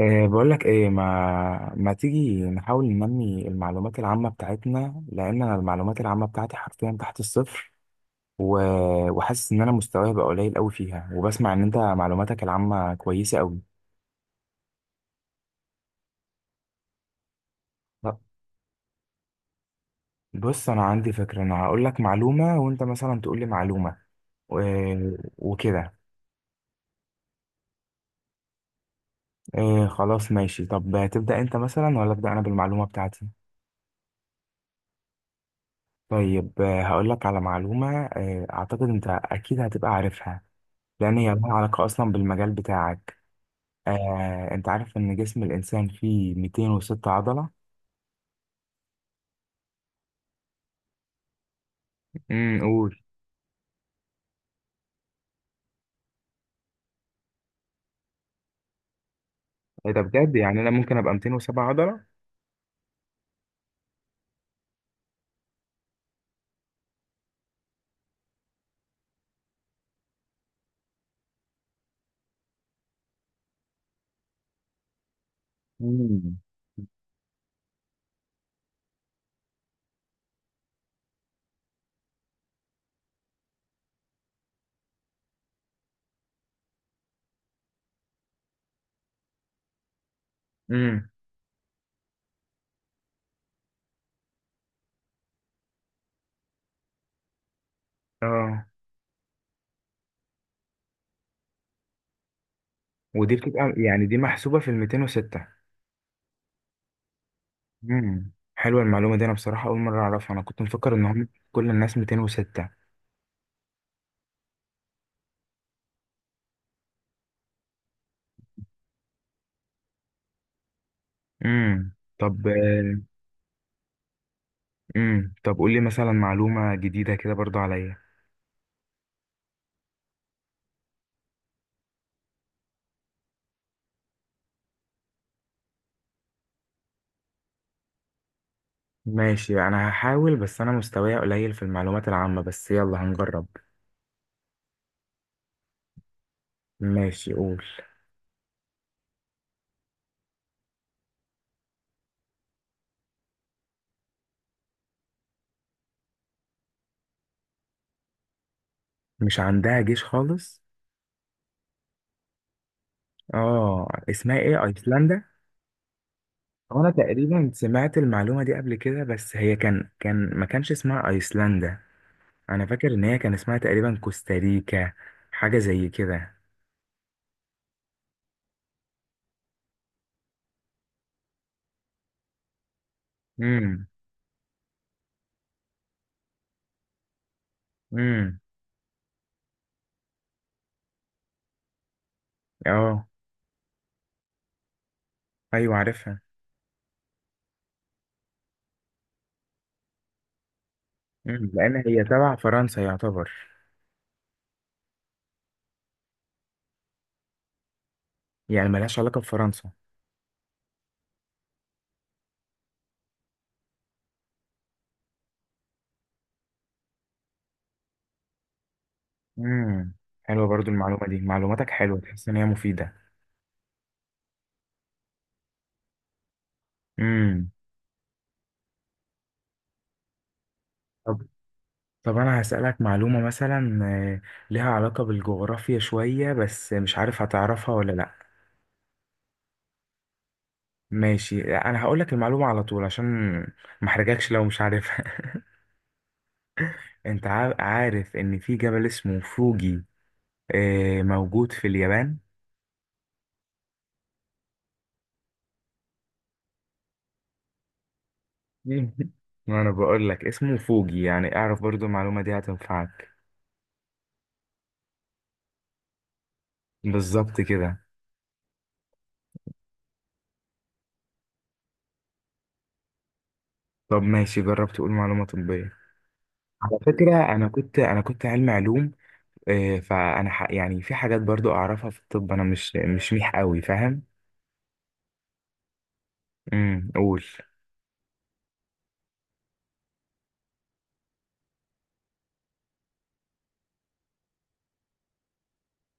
بقول لك ايه، ما تيجي نحاول ننمي المعلومات العامة بتاعتنا لان انا المعلومات العامة بتاعتي حرفيا تحت الصفر. و... وحاسس ان انا مستواي بقى قليل قوي فيها، وبسمع ان انت معلوماتك العامة كويسة قوي. طب، بص انا عندي فكرة، انا هقول لك معلومة وانت مثلا تقول لي معلومة و... وكده. أه، خلاص ماشي. طب تبدأ انت مثلا ولا ابدأ انا بالمعلومة بتاعتي؟ طيب، هقول لك على معلومة، اعتقد انت اكيد هتبقى عارفها، لأن هي لها علاقة أصلا بالمجال بتاعك. أنت عارف إن جسم الإنسان فيه 206 عضلة؟ قول. إيه ده بجد؟ يعني أنا ممكن أبقى 207 عضلة؟ امم امم اه، ودي بتبقى يعني دي محسوبة في ال 206؟ حلوة المعلومة دي. أنا بصراحة أول مرة أعرفها. أنا كنت مفكر إن هم كل الناس 206. طب. طب، قول لي مثلا معلومة جديدة كده برضو عليا. ماشي، أنا هحاول، بس أنا مستواي قليل في المعلومات العامة، بس يلا هنجرب. ماشي، قول. مش عندها جيش خالص؟ اه، اسمها ايه، ايسلندا؟ انا تقريبا سمعت المعلومة دي قبل كده، بس هي كان كان ما كانش اسمها ايسلندا. انا فاكر ان هي كان اسمها تقريبا كوستاريكا. حاجة زي كده. امم امم اه. ايوه، عارفها. لان هي تبع فرنسا يعتبر. يعني ملهاش علاقة بفرنسا؟ امم حلوة برضو المعلومة دي. معلوماتك حلوة، تحس ان هي مفيدة. امم طب، أنا هسألك معلومة مثلا، لها علاقة بالجغرافيا شوية، بس مش عارف هتعرفها ولا لأ. ماشي، أنا هقولك المعلومة على طول عشان محرجكش لو مش عارفها أنت عارف إن في جبل اسمه فوجي، موجود في اليابان. مم. ما أنا بقولك اسمه فوجي، يعني أعرف برضو المعلومة دي هتنفعك. بالظبط كده. طب ماشي، جرب تقول معلومة طبية. على فكرة أنا كنت علمي علوم. إيه، فانا يعني في حاجات برضو اعرفها في الطب. انا مش ميح قوي، فاهم. قول.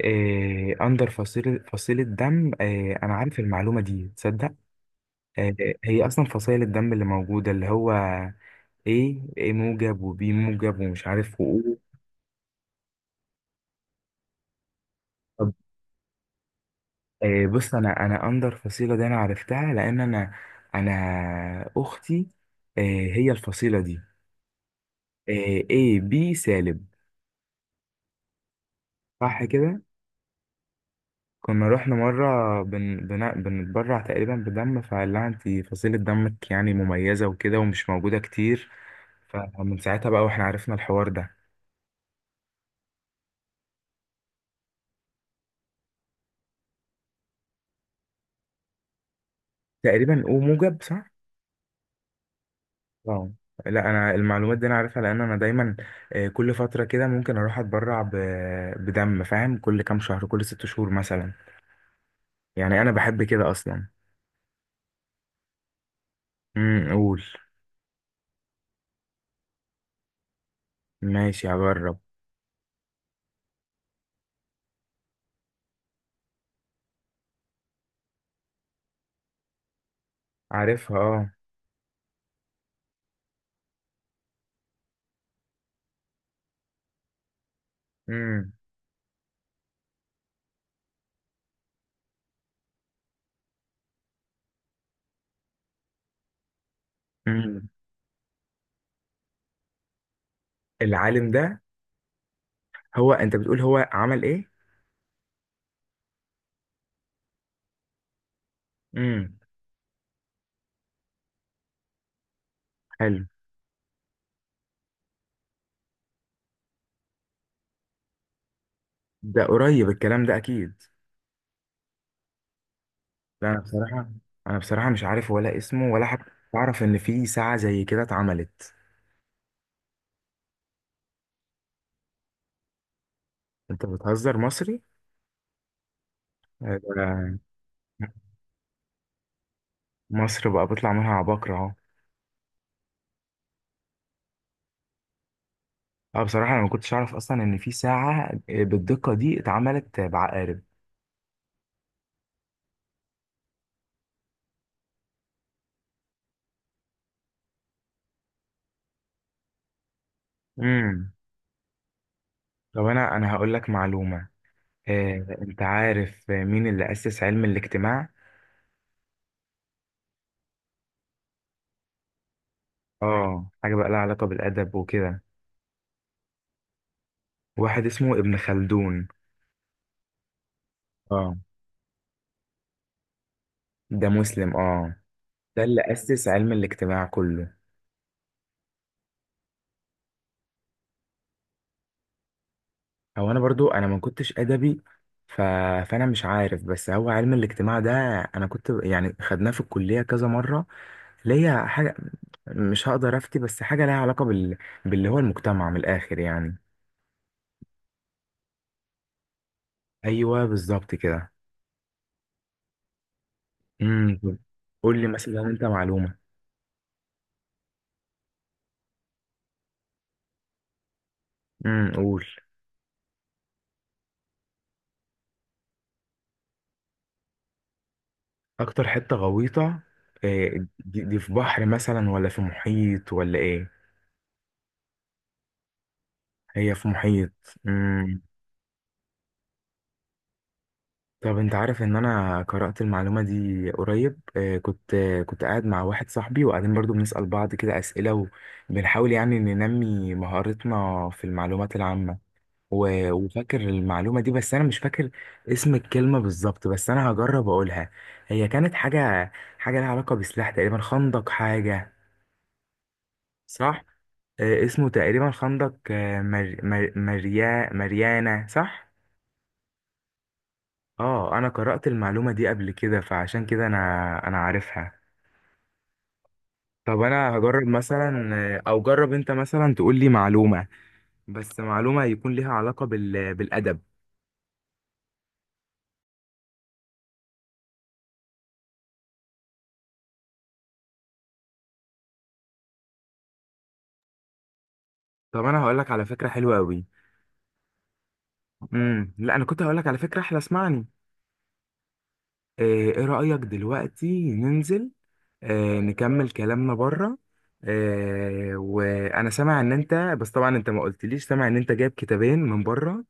إيه، اندر فصيله دم؟ إيه، انا عارف المعلومه دي، تصدق؟ إيه هي اصلا فصائل الدم اللي موجوده؟ اللي هو ايه موجب وبي موجب ومش عارف وايه. طب. إيه، بص. انا اندر فصيله دي، انا عرفتها لان انا، انا اختي، إيه هي الفصيله دي؟ إيه، ايه بي سالب. صح كده. كنا رحنا مرة بنتبرع تقريبا بدم، فقال لها انت فصيلة دمك يعني مميزة وكده ومش موجودة كتير. فمن ساعتها بقى واحنا عرفنا الحوار ده. تقريبا او موجب، صح؟ اه. لا، انا المعلومات دي انا عارفها لان انا دايما، كل فترة كده ممكن اروح اتبرع بدم، فاهم، كل كام شهر، كل ست شهور مثلا. يعني انا بحب كده اصلا. قول. ماشي، هجرب. عارفها، اه. امم امم العالم ده؟ هو انت بتقول هو عمل ايه؟ مم. حلو. ده قريب الكلام ده اكيد. لا، انا بصراحه مش عارف ولا اسمه، ولا حتى اعرف ان في ساعه زي كده اتعملت. انت بتهزر؟ مصري؟ آه، مصر بقى بيطلع منها عباقرة اهو. اه، بصراحه انا ما كنتش اعرف اصلا ان في ساعه بالدقه دي اتعملت بعقارب. امم طب، انا هقول لك معلومه. انت عارف مين اللي اسس علم الاجتماع؟ اه، حاجه بقى لها علاقه بالادب وكده. واحد اسمه ابن خلدون. اه. ده مسلم، اه. ده اللي أسس علم الاجتماع كله. هو أنا برضو أنا ما كنتش أدبي. ف... فأنا مش عارف، بس هو علم الاجتماع ده، أنا كنت يعني خدناه في الكلية كذا مرة، ليا حاجة، مش هقدر أفتي، بس حاجة ليها علاقة باللي هو المجتمع من الآخر يعني. أيوه، بالظبط كده. امم قول لي مثلا أنت معلومة. قول. أكتر حتة غويطة؟ إيه، دي في بحر مثلا ولا في محيط ولا إيه؟ هي في محيط؟ امم طب، انت عارف ان انا قرأت المعلومة دي قريب، كنت قاعد مع واحد صاحبي وقاعدين برضو بنسأل بعض كده أسئلة، وبنحاول يعني ننمي مهارتنا في المعلومات العامة. و- وفاكر المعلومة دي، بس انا مش فاكر اسم الكلمة بالظبط، بس انا هجرب اقولها. هي كانت حاجة لها علاقة بسلاح تقريبا، خندق حاجة، صح؟ اسمه تقريبا خندق، مريانة، صح؟ اه، انا قرأت المعلومة دي قبل كده، فعشان كده انا عارفها. طب انا هجرب مثلا، او جرب انت مثلا تقول لي معلومة، بس معلومة يكون ليها علاقة بالادب. طب انا هقول لك على فكرة حلوة قوي. لا، انا كنت هقول لك على فكرة احلى، اسمعني. إيه رأيك دلوقتي ننزل، نكمل كلامنا بره، وانا سامع ان انت، بس طبعا انت ما قلتليش، سامع ان انت جايب كتابين من بره،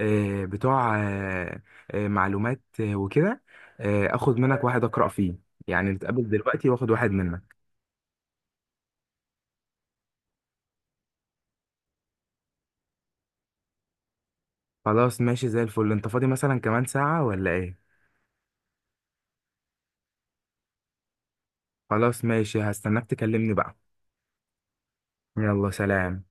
بتوع معلومات وكده، اخد منك واحد اقرا فيه، يعني نتقابل دلوقتي واخد واحد منك. خلاص ماشي زي الفل. انت فاضي مثلا كمان ساعة ولا ايه؟ خلاص ماشي، هستناك تكلمني بقى. يلا سلام.